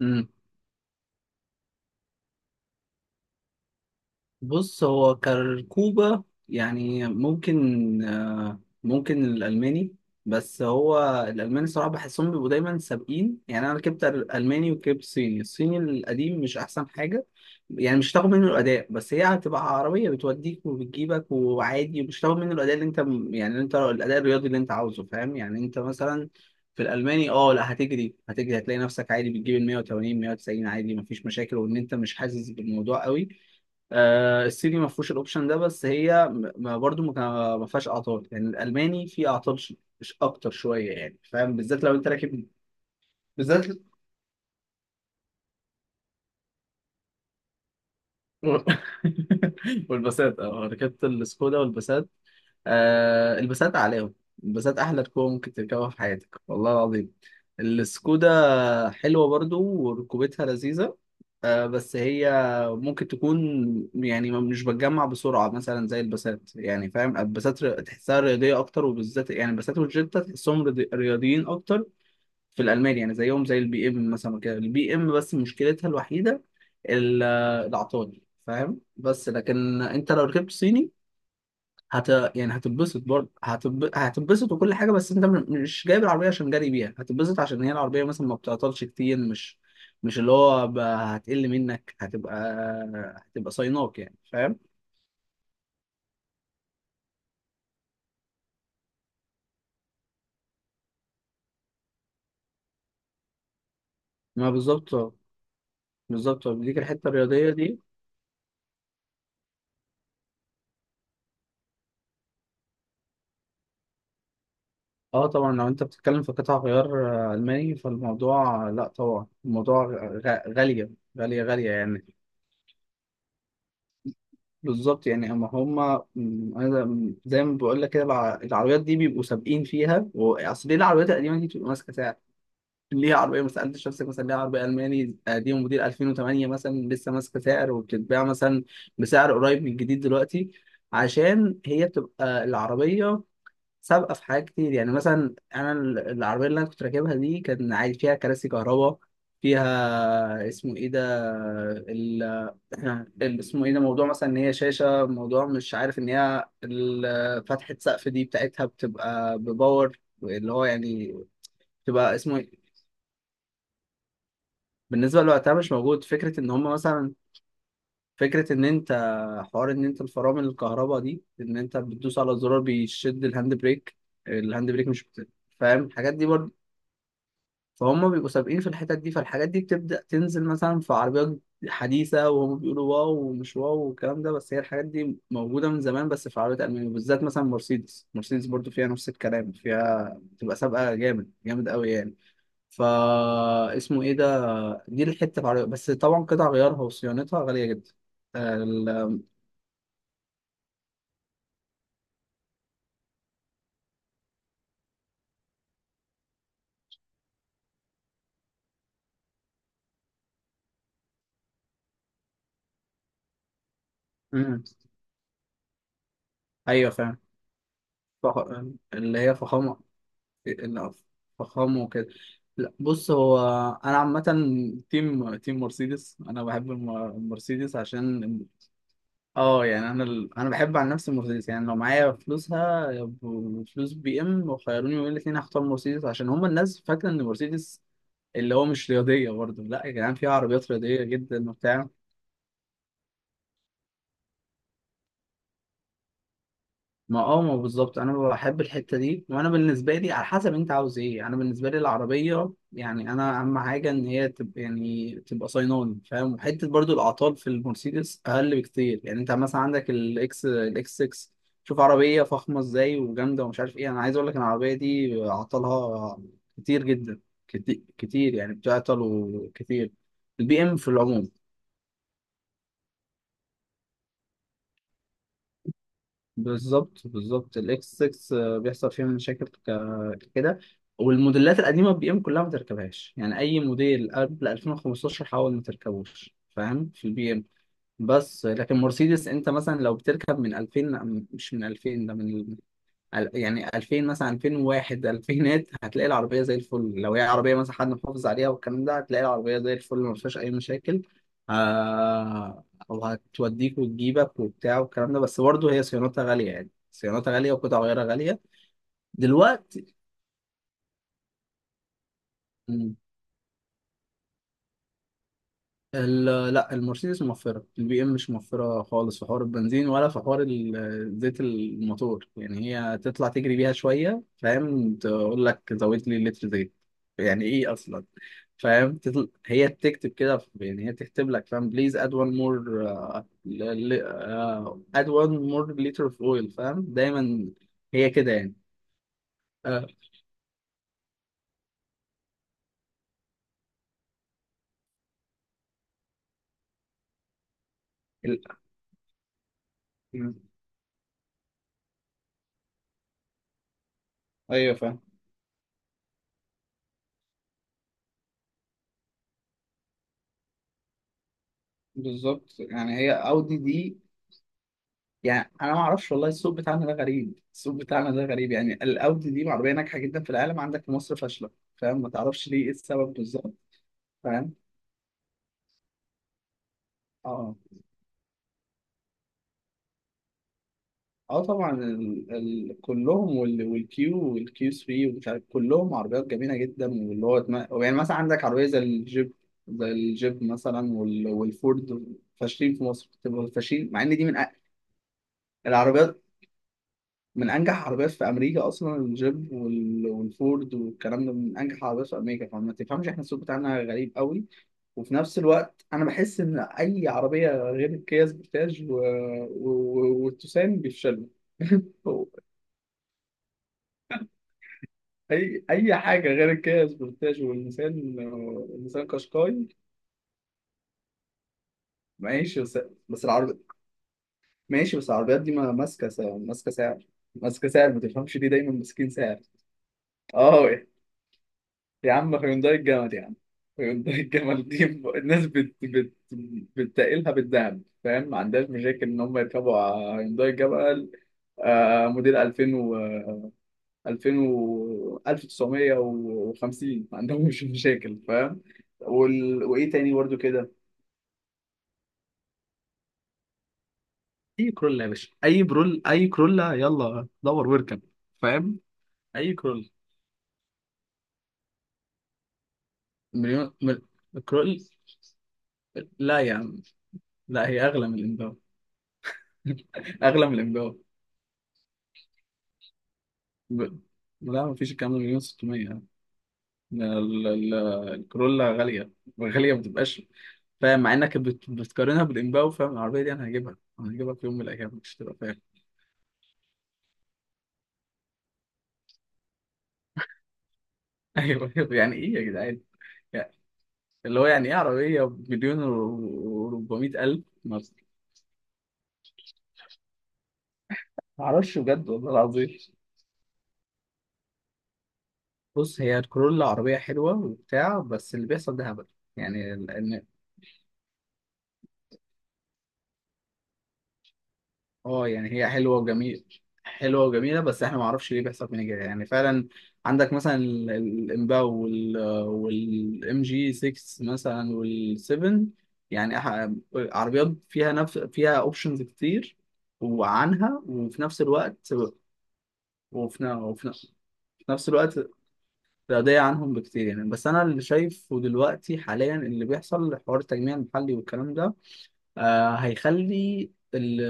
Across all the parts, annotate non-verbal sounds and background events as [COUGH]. مم. بص هو كركوبة يعني ممكن ممكن الألماني، بس هو الألماني صراحة بحسهم بيبقوا دايما سابقين. يعني أنا ركبت ألماني وركبت صيني، الصيني القديم مش أحسن حاجة، يعني مش هتاخد منه الأداء، بس هي هتبقى عربية بتوديك وبتجيبك وعادي. مش هتاخد منه الأداء اللي أنت، يعني اللي أنت الأداء الرياضي اللي أنت عاوزه، فاهم؟ يعني أنت مثلا في الالماني اه لا، هتجري هتجري، هتلاقي نفسك عادي بتجيب ال 180 190 عادي، مفيش مشاكل، وان انت مش حاسس بالموضوع قوي. الصيني ما فيهوش الاوبشن ده، بس هي ما برضو ما فيهاش اعطال. يعني الالماني فيه اعطال اكتر شويه، يعني فاهم، بالذات لو انت راكب بالذات. [LAUGHS] والباسات، اه ركبت السكودا والباسات. آه البسات عليهم، البسات احلى ركوبه ممكن تركبها في حياتك والله العظيم. السكودا حلوه برضو وركوبتها لذيذه، آه بس هي ممكن تكون يعني مش بتجمع بسرعه مثلا زي البسات، يعني فاهم؟ البسات تحسها رياضيه اكتر، وبالذات يعني البسات والجيتا تحسهم رياضيين اكتر في الالمان. يعني زيهم زي البي ام مثلا كده، البي ام بس مشكلتها الوحيده ال- العطال، فاهم؟ بس لكن انت لو ركبت صيني هت يعني هتتبسط برضه، هتتبسط وكل حاجه. بس انت مش جايب العربيه عشان جري بيها، هتتبسط عشان هي العربيه مثلا ما بتعطلش كتير، مش مش اللي هو هتقل منك، هتبقى هتبقى صيناك، يعني فاهم. ما بالظبط، بالظبط ليك الحته الرياضيه دي. اه طبعا لو انت بتتكلم في قطع غيار الماني، فالموضوع لا طبعا الموضوع غاليه، غاليه يعني. بالظبط يعني اما هما زي ما بقول لك كده، العربيات دي بيبقوا سابقين فيها. اصل ليه العربيات القديمه دي بتبقى ماسكه سعر؟ ليه عربيه، ما سالتش نفسك مثلا ليه عربيه الماني قديمه موديل 2008 مثلا لسه ماسكه سعر وبتتباع مثلا بسعر قريب من الجديد دلوقتي؟ عشان هي بتبقى العربيه سابقه في حاجات كتير. يعني مثلا انا العربيه اللي انا كنت راكبها دي كان عادي فيها كراسي كهرباء، فيها اسمه ايه ده، يعني اللي اسمه ايه ده موضوع مثلا ان هي شاشه، موضوع مش عارف ان هي فتحه سقف دي بتاعتها بتبقى بباور، اللي هو يعني بتبقى اسمه ايه، بالنسبه لوقتها مش موجود. فكره ان هم مثلا، فكره ان انت حوار ان انت الفرامل الكهرباء دي، ان انت بتدوس على زرار بيشد الهاند بريك، الهاند بريك مش فاهم الحاجات دي. فهم بيبقوا سابقين في الحتت دي، فالحاجات دي بتبدأ تنزل مثلا في عربيات حديثة وهم بيقولوا واو ومش واو والكلام ده، بس هي الحاجات دي موجودة من زمان، بس في عربيات ألمانيا بالذات. مثلا مرسيدس، مرسيدس برضو فيها نفس الكلام، فيها بتبقى سابقة جامد، جامد قوي يعني. فا اسمه ايه ده، دي الحتة في عربيات، بس طبعا قطع غيارها وصيانتها غالية جدا. ال... مم. ايوه فاهم، فخ... اللي هي فخامة، إن فخامه وكده. لا بص هو، انا عامه تيم، تيم مرسيدس. انا بحب المرسيدس عشان، اه يعني انا بحب عن نفسي مرسيدس. يعني لو معايا فلوسها فلوس بي ام وخيروني بين الاثنين هختار مرسيدس، عشان هما الناس فاكره ان مرسيدس اللي هو مش رياضيه برضه. لا يا جدعان، في عربيات رياضيه جدا وبتاع. ما اه ما بالظبط، انا بحب الحته دي. وانا بالنسبه لي على حسب انت عاوز ايه، انا بالنسبه لي العربيه يعني انا اهم حاجه ان هي تبقى يعني تبقى صيناني فاهم. وحته برضو الاعطال في المرسيدس اقل بكتير. يعني انت مثلا عندك الاكس 6، شوف عربيه فخمه ازاي وجامده ومش عارف ايه، انا عايز اقول لك إن العربيه دي اعطالها كتير جدا، كتير يعني بتعطل وكتير، البي ام في العموم. بالظبط بالظبط، الاكس 6 بيحصل فيها مشاكل كده. والموديلات القديمه البي ام كلها ما تركبهاش، يعني اي موديل قبل 2015 حاول ما تركبوش، فاهم؟ في البي ام. بس لكن مرسيدس انت مثلا لو بتركب من 2000 لا، مش من 2000، ده من يعني 2000 مثلا، 2001 2000 هتلاقي العربية زي الفل، لو هي عربية مثلا حد محافظ عليها والكلام ده هتلاقي العربية زي الفل، ما فيهاش أي مشاكل. آه وهتوديك وتجيبك وبتاع والكلام ده، بس برضه هي صيانتها غالية، يعني صيانتها غالية وقطع غيارها غالية دلوقتي. لا، المرسيدس موفرة، البي ام مش موفرة خالص، في حوار البنزين ولا في حوار زيت الموتور. يعني هي تطلع تجري بيها شوية فاهم تقول لك زود لي لتر زيت، يعني ايه اصلا؟ فاهم هي بتكتب كده يعني هي تكتب لك فاهم بليز اد وان مور، اد وان مور لتر اوف اويل، فاهم؟ دايما هي كده يعني. آه، ال- ايوه فاهم. بالظبط يعني هي اودي دي، يعني انا ما اعرفش والله السوق بتاعنا ده غريب، السوق بتاعنا ده غريب، يعني الاودي دي عربيه ناجحه جدا في العالم، عندك في مصر فاشله. فاهم، ما تعرفش ليه ايه السبب بالظبط. فاهم، اه اه طبعا كلهم والكيو والكيو 3 ومش عارف كلهم عربيات جميله جدا، واللي هو يعني مثلا عندك عربيه زي الجيب، زي الجيب مثلا والفورد فاشلين في مصر، بتبقى فاشلين، مع ان دي من العربيات، من انجح عربيات في امريكا اصلا الجيب والفورد والكلام ده، من انجح عربيات في امريكا. فما تفهمش، احنا السوق بتاعنا غريب قوي. وفي نفس الوقت انا بحس ان اي عربيه غير الكيا سبورتاج والتوسان بيفشلوا. [LAUGHS] اي حاجه غير الكيا سبورتاج والنيسان، النيسان قشقاي. ماشي بس العربيات، ماشي بس العربيات دي ما ماسكه سعر، ماسكه سعر، ما تفهمش ليه دايما ماسكين سعر. اه يا عم، هيونداي الجمل يا عم، هيونداي الجمل دي الناس بتتقلها بالذهب فاهم، ما عندهاش مشاكل ان هم يركبوا على هيونداي الجمل آه موديل 2000 و 2000 و 1950 ما عندهمش [LAUGHS] مشاكل فاهم. وايه تاني برضو كده؟ اي كرولا يا باشا، اي برول، اي كرولا، يلا دور واركب، فاهم؟ اي كرول، مليون مل... كرول. لا يا عم، لا هي اغلى من الامباو، [LAUGHS] اغلى من الامباو. ب... لا مفيش الكلام ده، مليون 600. ال- ال- الكورولا غالية، غالية ما بتبقاش فاهم، مع انك بتقارنها بالإمباو فاهم. العربية دي انا هجيبها، انا هجيبها في يوم من الأيام مش هتبقى فاهم. [LAUGHS] ايوه أيوة، يعني ايه يا جدعان، يعني اللي هو يعني ايه عربية بمليون و 400 ألف؟ ما معرفش بجد والله العظيم. بص هي الكورولا عربية حلوة وبتاع، بس اللي بيحصل ده هبل يعني. اه يعني هي حلوه وجميل، حلوه وجميله، بس احنا ما اعرفش ليه بيحصل فينا كده يعني فعلا. عندك مثلا الامباو والام جي 6 مثلا وال7، يعني عربيات فيها نفس، فيها اوبشنز كتير، وعنها وفي نفس الوقت، وفي, ن- وفي ن- في نفس الوقت رياضية عنهم بكتير يعني. بس أنا اللي شايفه دلوقتي حاليا اللي بيحصل، حوار التجميع المحلي والكلام ده، آه هيخلي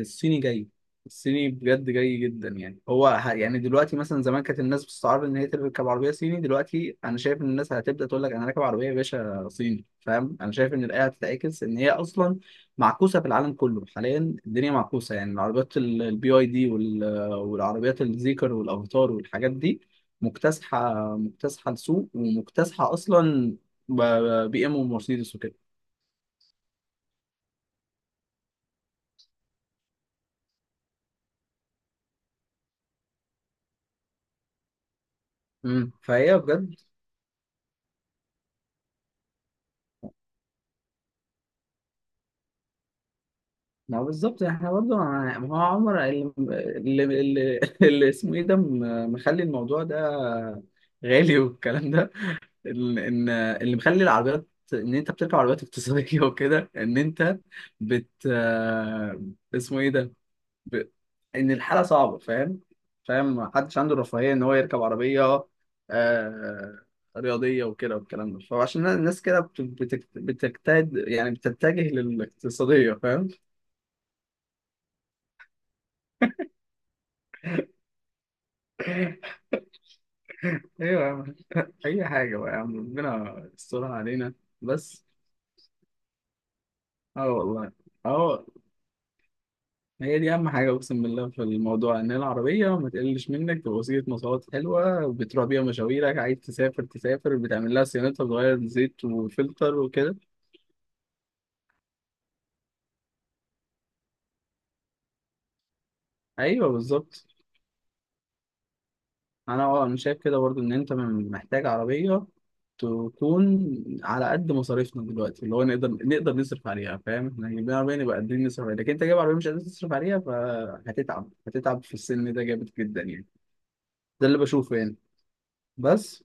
الصيني جاي، الصيني بجد جاي جدا. يعني يعني دلوقتي مثلا زمان كانت الناس بتستعرض ان هي تركب عربيه صيني، دلوقتي انا شايف ان الناس هتبدا تقول لك انا راكب عربيه يا باشا صيني، فاهم؟ انا شايف ان الايه هتتعكس، ان هي اصلا معكوسه في العالم كله حاليا. الدنيا معكوسه، يعني العربيات البي اي دي والعربيات الزيكر والافاتار والحاجات دي مكتسحه، مكتسحه السوق ومكتسحه اصلا بي ام ومرسيدس وكده. مم. فهي بجد. ما هو بالظبط احنا برضه ما هو عمر اللي اللي اسمه ايه ده مخلي الموضوع ده غالي والكلام ده، ان اللي مخلي العربيات ان انت بتركب عربيات اقتصاديه [LAUGHS] وكده، ان انت بت آه، اسمه ايه ده، ب... ان الحاله صعبه فاهم، فاهم؟ محدش عنده الرفاهيه ان هو يركب عربيه آه... رياضيه وكده والكلام ده. فعشان الناس كده بتجتهد يعني بتتجه للاقتصاديه، فاهم. ايوه يا عم، اي حاجه بقى يا عم، ربنا يسترها علينا بس. اه والله، اه. هي دي اهم حاجه اقسم بالله في الموضوع، ان العربيه ما تقلش منك، تبقى وسيله مواصلات حلوه بتروح بيها مشاويرك، عايز تسافر تسافر، بتعمل لها صيانتها، بتغير زيت وفلتر وكده. ايوه بالظبط. انا اه، انا شايف كده برضو ان انت محتاج عربيه تكون على قد مصاريفنا دلوقتي، اللي هو نقدر نصرف عليها فاهم. احنا جايبين عربيه نبقى قادرين نصرف عليها، لكن انت جايب عربيه مش قادر تصرف عليها فهتتعب، هتتعب في السن ده جامد جدا يعني. ده اللي بشوفه يعني. بس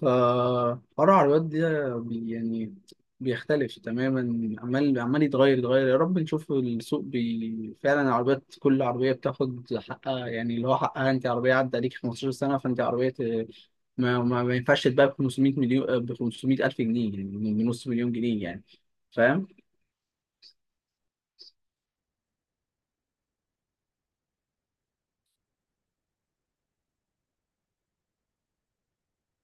فحوار العربيات ده يعني بيختلف تماما، عمال عمال يتغير، يتغير. يا رب نشوف السوق فعلا العربيات كل عربية بتاخد حقها، يعني اللي هو حقها. انت عربية عدى عليك 15 سنة فانت عربية ما ينفعش تتباع ب 500 مليون، ب 500 ألف جنيه، يعني بنص مليون جنيه يعني، فاهم؟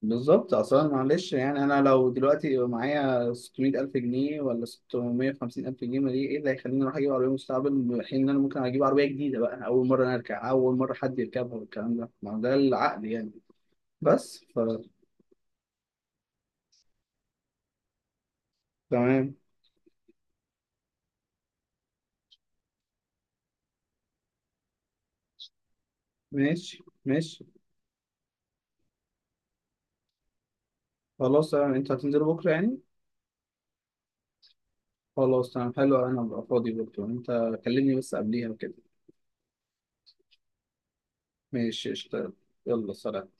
بالظبط. اصلا معلش يعني انا لو دلوقتي معايا 600 الف جنيه ولا 650 الف جنيه، ما دي ايه اللي هيخليني اروح اجيب عربيه مستقبل، في حين ان انا ممكن اجيب عربيه جديده بقى، اول مره انا اركب، اول مره حد يركبها والكلام ده؟ ما هو ده العقل يعني. بس ف، تمام ماشي ماشي. خلاص تمام، انت هتنزل بكره يعني؟ خلاص تمام حلو، انا ابقى فاضي بكره، انت كلمني بس قبليها كده. ماشي، اشتغل. يلا سلام.